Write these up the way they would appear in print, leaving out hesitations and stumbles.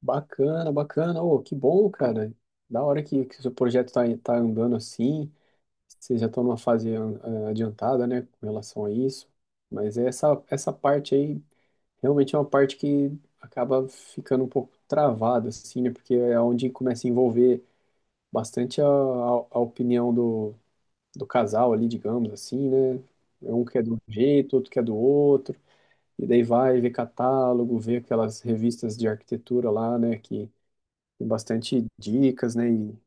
Bacana, bacana. Oh, que bom, cara. Da hora que seu projeto tá andando assim. Vocês já estão numa fase adiantada, né, com relação a isso. Mas essa parte aí realmente é uma parte que acaba ficando um pouco travada, assim, né? Porque é onde começa a envolver bastante a opinião do casal ali, digamos assim, né? Um que quer de um jeito, outro quer do outro. E daí vai ver catálogo, ver aquelas revistas de arquitetura lá, né? Que tem bastante dicas, né? E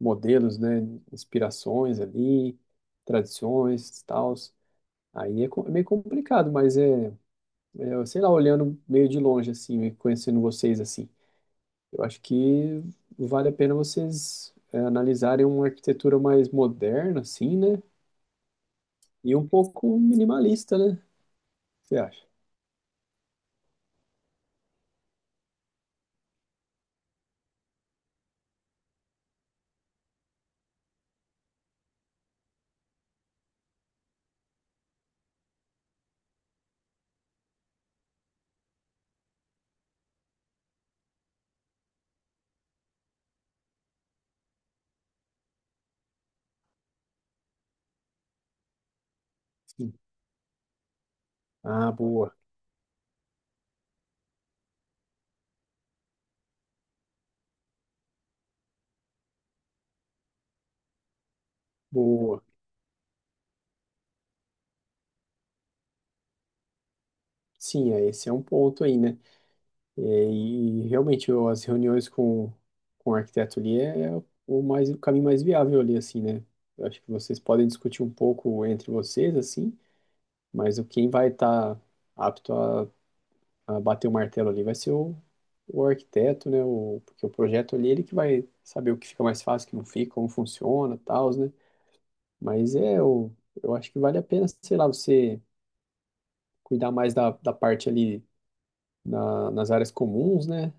modelos, né? Inspirações ali, tradições, tals. Aí é meio complicado, mas sei lá, olhando meio de longe, assim, meio conhecendo vocês, assim. Eu acho que vale a pena vocês analisarem uma arquitetura mais moderna, assim, né? E um pouco minimalista, né? Você acha? Sim. Ah, boa, boa. Sim, é, esse é um ponto aí, né? É. E realmente as reuniões com o arquiteto ali é o caminho mais viável ali assim, né? Eu acho que vocês podem discutir um pouco entre vocês assim, mas o quem vai estar apto a bater o martelo ali vai ser o arquiteto, né? Porque o projeto ali ele que vai saber o que fica mais fácil, o que não fica, como funciona, tal, né? Mas eu acho que vale a pena, sei lá, você cuidar mais da parte ali nas áreas comuns, né?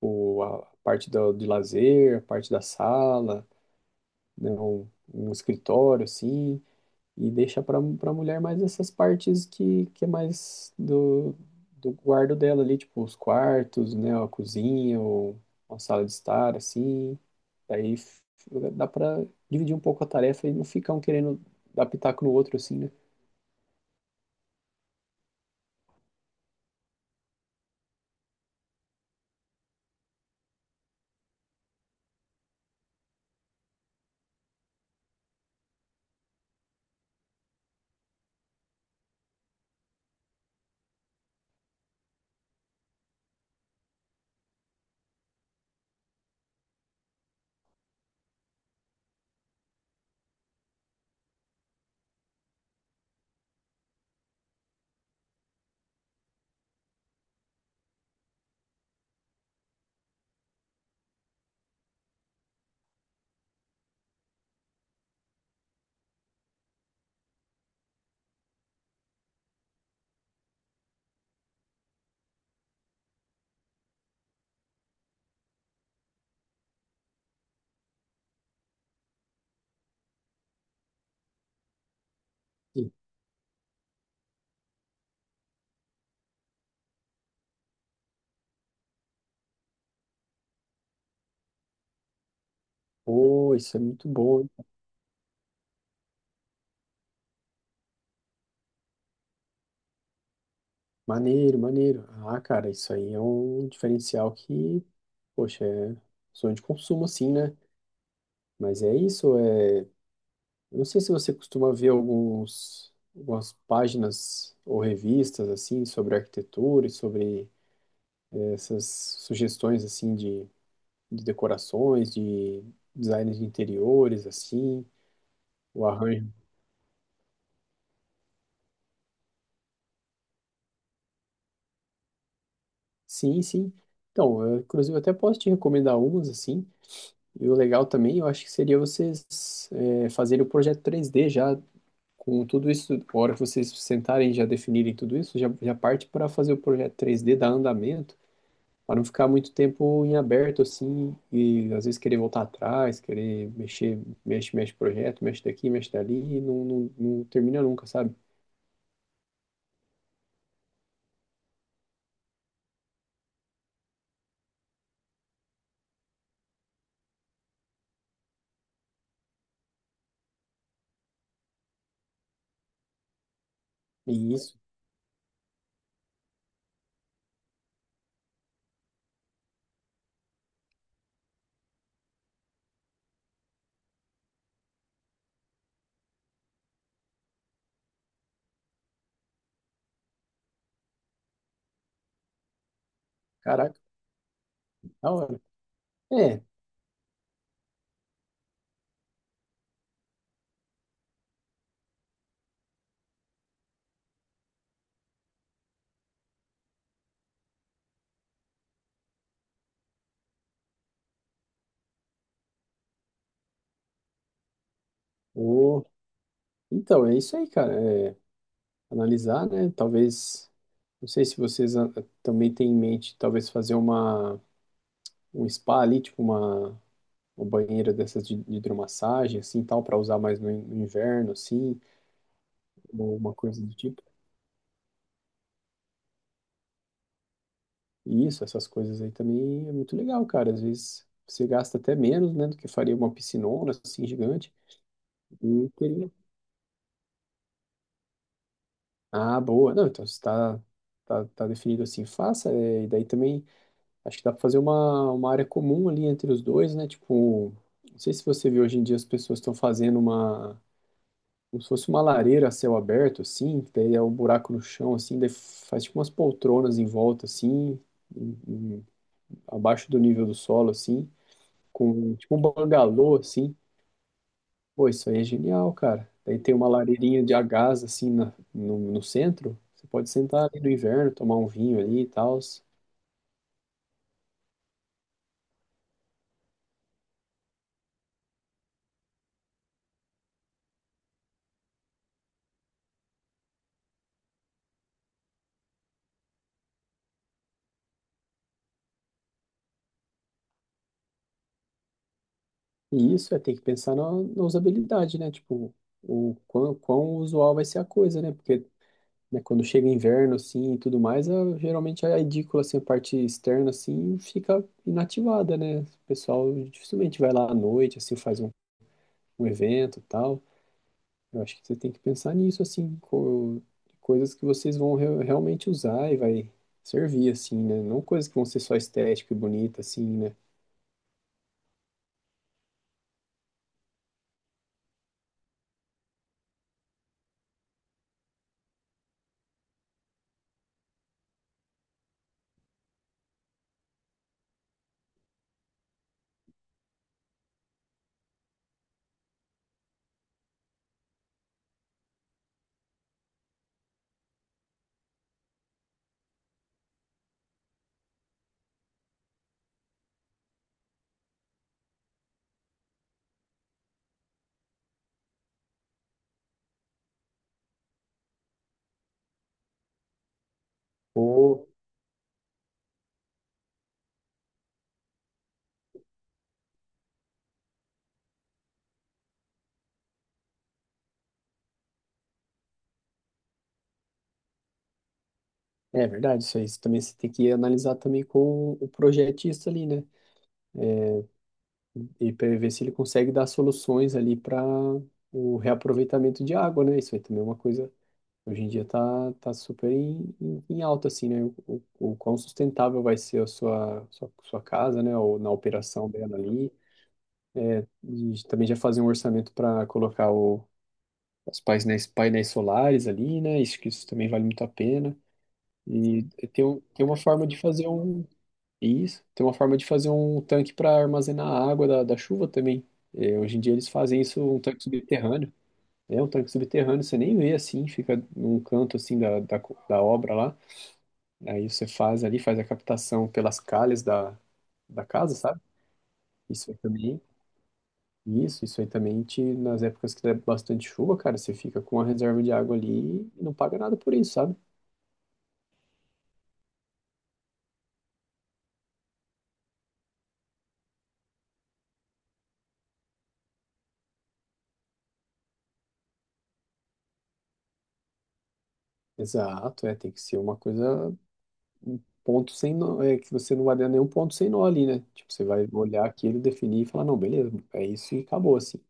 o, a parte de lazer, a parte da sala, né, um escritório assim, e deixa para mulher mais essas partes que é mais do guardo dela ali, tipo os quartos, né, a cozinha, ou uma sala de estar assim. Daí dá para dividir um pouco a tarefa e não ficar um querendo dar pitaco no outro assim, né? E, pô, isso é muito bom. Hein? Maneiro, maneiro. Ah, cara, isso aí é um diferencial que Poxa, é sonho de consumo, assim, né? Mas é isso, eu não sei se você costuma ver algumas páginas ou revistas, assim, sobre arquitetura e sobre essas sugestões, assim, de decorações, de design de interiores, assim, o arranjo. Sim, sim. Então, eu, inclusive, até posso te recomendar umas, assim, e o legal também, eu acho que seria vocês fazerem o projeto 3D já. Com tudo isso, a hora que vocês sentarem e já definirem tudo isso, já parte para fazer o projeto 3D dar andamento, para não ficar muito tempo em aberto assim, e às vezes querer voltar atrás, querer mexer, mexe, mexe projeto, mexe daqui, mexe dali, e não, não, não termina nunca, sabe? E isso, caraca, da hora. É, o... então, é isso aí, cara. É, analisar, né? Talvez, não sei se vocês também têm em mente, talvez fazer um spa ali, tipo uma banheira dessas de hidromassagem, assim, tal, para usar mais no inverno, assim, ou uma coisa do tipo. E isso, essas coisas aí também é muito legal, cara. Às vezes você gasta até menos, né, do que faria uma piscinona, assim, gigante. E teria- Ah, boa. Não, então você tá definido assim, faça. E daí também acho que dá para fazer uma área comum ali entre os dois, né? Tipo, não sei se você vê hoje em dia as pessoas estão fazendo uma como se fosse uma lareira a céu aberto, assim, que daí é um buraco no chão, assim, daí faz tipo umas poltronas em volta, assim, em- em- abaixo do nível do solo, assim, com tipo um bangalô, assim. Pô, isso aí é genial, cara. Daí tem uma lareirinha de a gás, assim, no centro. Você pode sentar ali no inverno, tomar um vinho ali e tal. E isso é ter que pensar na usabilidade, né? Tipo, o quão usual vai ser a coisa, né? Porque né, quando chega inverno, assim, e tudo mais, geralmente é a edícula, assim, a parte externa, assim, fica inativada, né? O pessoal dificilmente vai lá à noite, assim, faz um evento e tal. Eu acho que você tem que pensar nisso, assim, co coisas que vocês vão realmente usar e vai servir, assim, né? Não coisas que vão ser só estética e bonita, assim, né? Ou... É verdade, isso aí. Isso também você tem que analisar também com o projetista ali, né? E para ver se ele consegue dar soluções ali para o reaproveitamento de água, né? Isso aí também é uma coisa, hoje em dia tá super em alta, assim, né? O quão sustentável vai ser a sua casa, né? Ou na operação dela ali. E também já fazer um orçamento para colocar os painéis solares ali, né? Isso, que isso também vale muito a pena. E tem uma forma de fazer um isso. Tem uma forma de fazer um tanque para armazenar a água da chuva também. É, hoje em dia eles fazem isso, um tanque subterrâneo. É um tanque subterrâneo, você nem vê assim, fica num canto assim da obra lá. Aí você faz ali, faz a captação pelas calhas da casa, sabe? Isso aí também. Isso aí também nas épocas que der bastante chuva, cara, você fica com a reserva de água ali e não paga nada por isso, sabe? Exato, é, tem que ser uma coisa ponto sem nó, é que você não vai dar nenhum ponto sem nó ali, né? Tipo, você vai olhar aquilo, definir e falar, não, beleza, é isso e acabou, assim.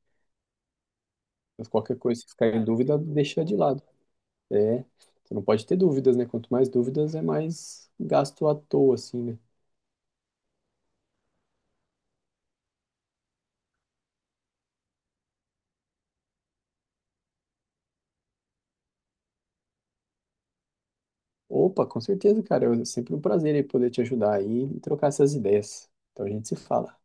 Mas qualquer coisa, se ficar em dúvida, deixa de lado. É, você não pode ter dúvidas, né? Quanto mais dúvidas, é mais gasto à toa, assim, né? Opa, com certeza, cara, é sempre um prazer aí poder te ajudar aí e trocar essas ideias. Então a gente se fala.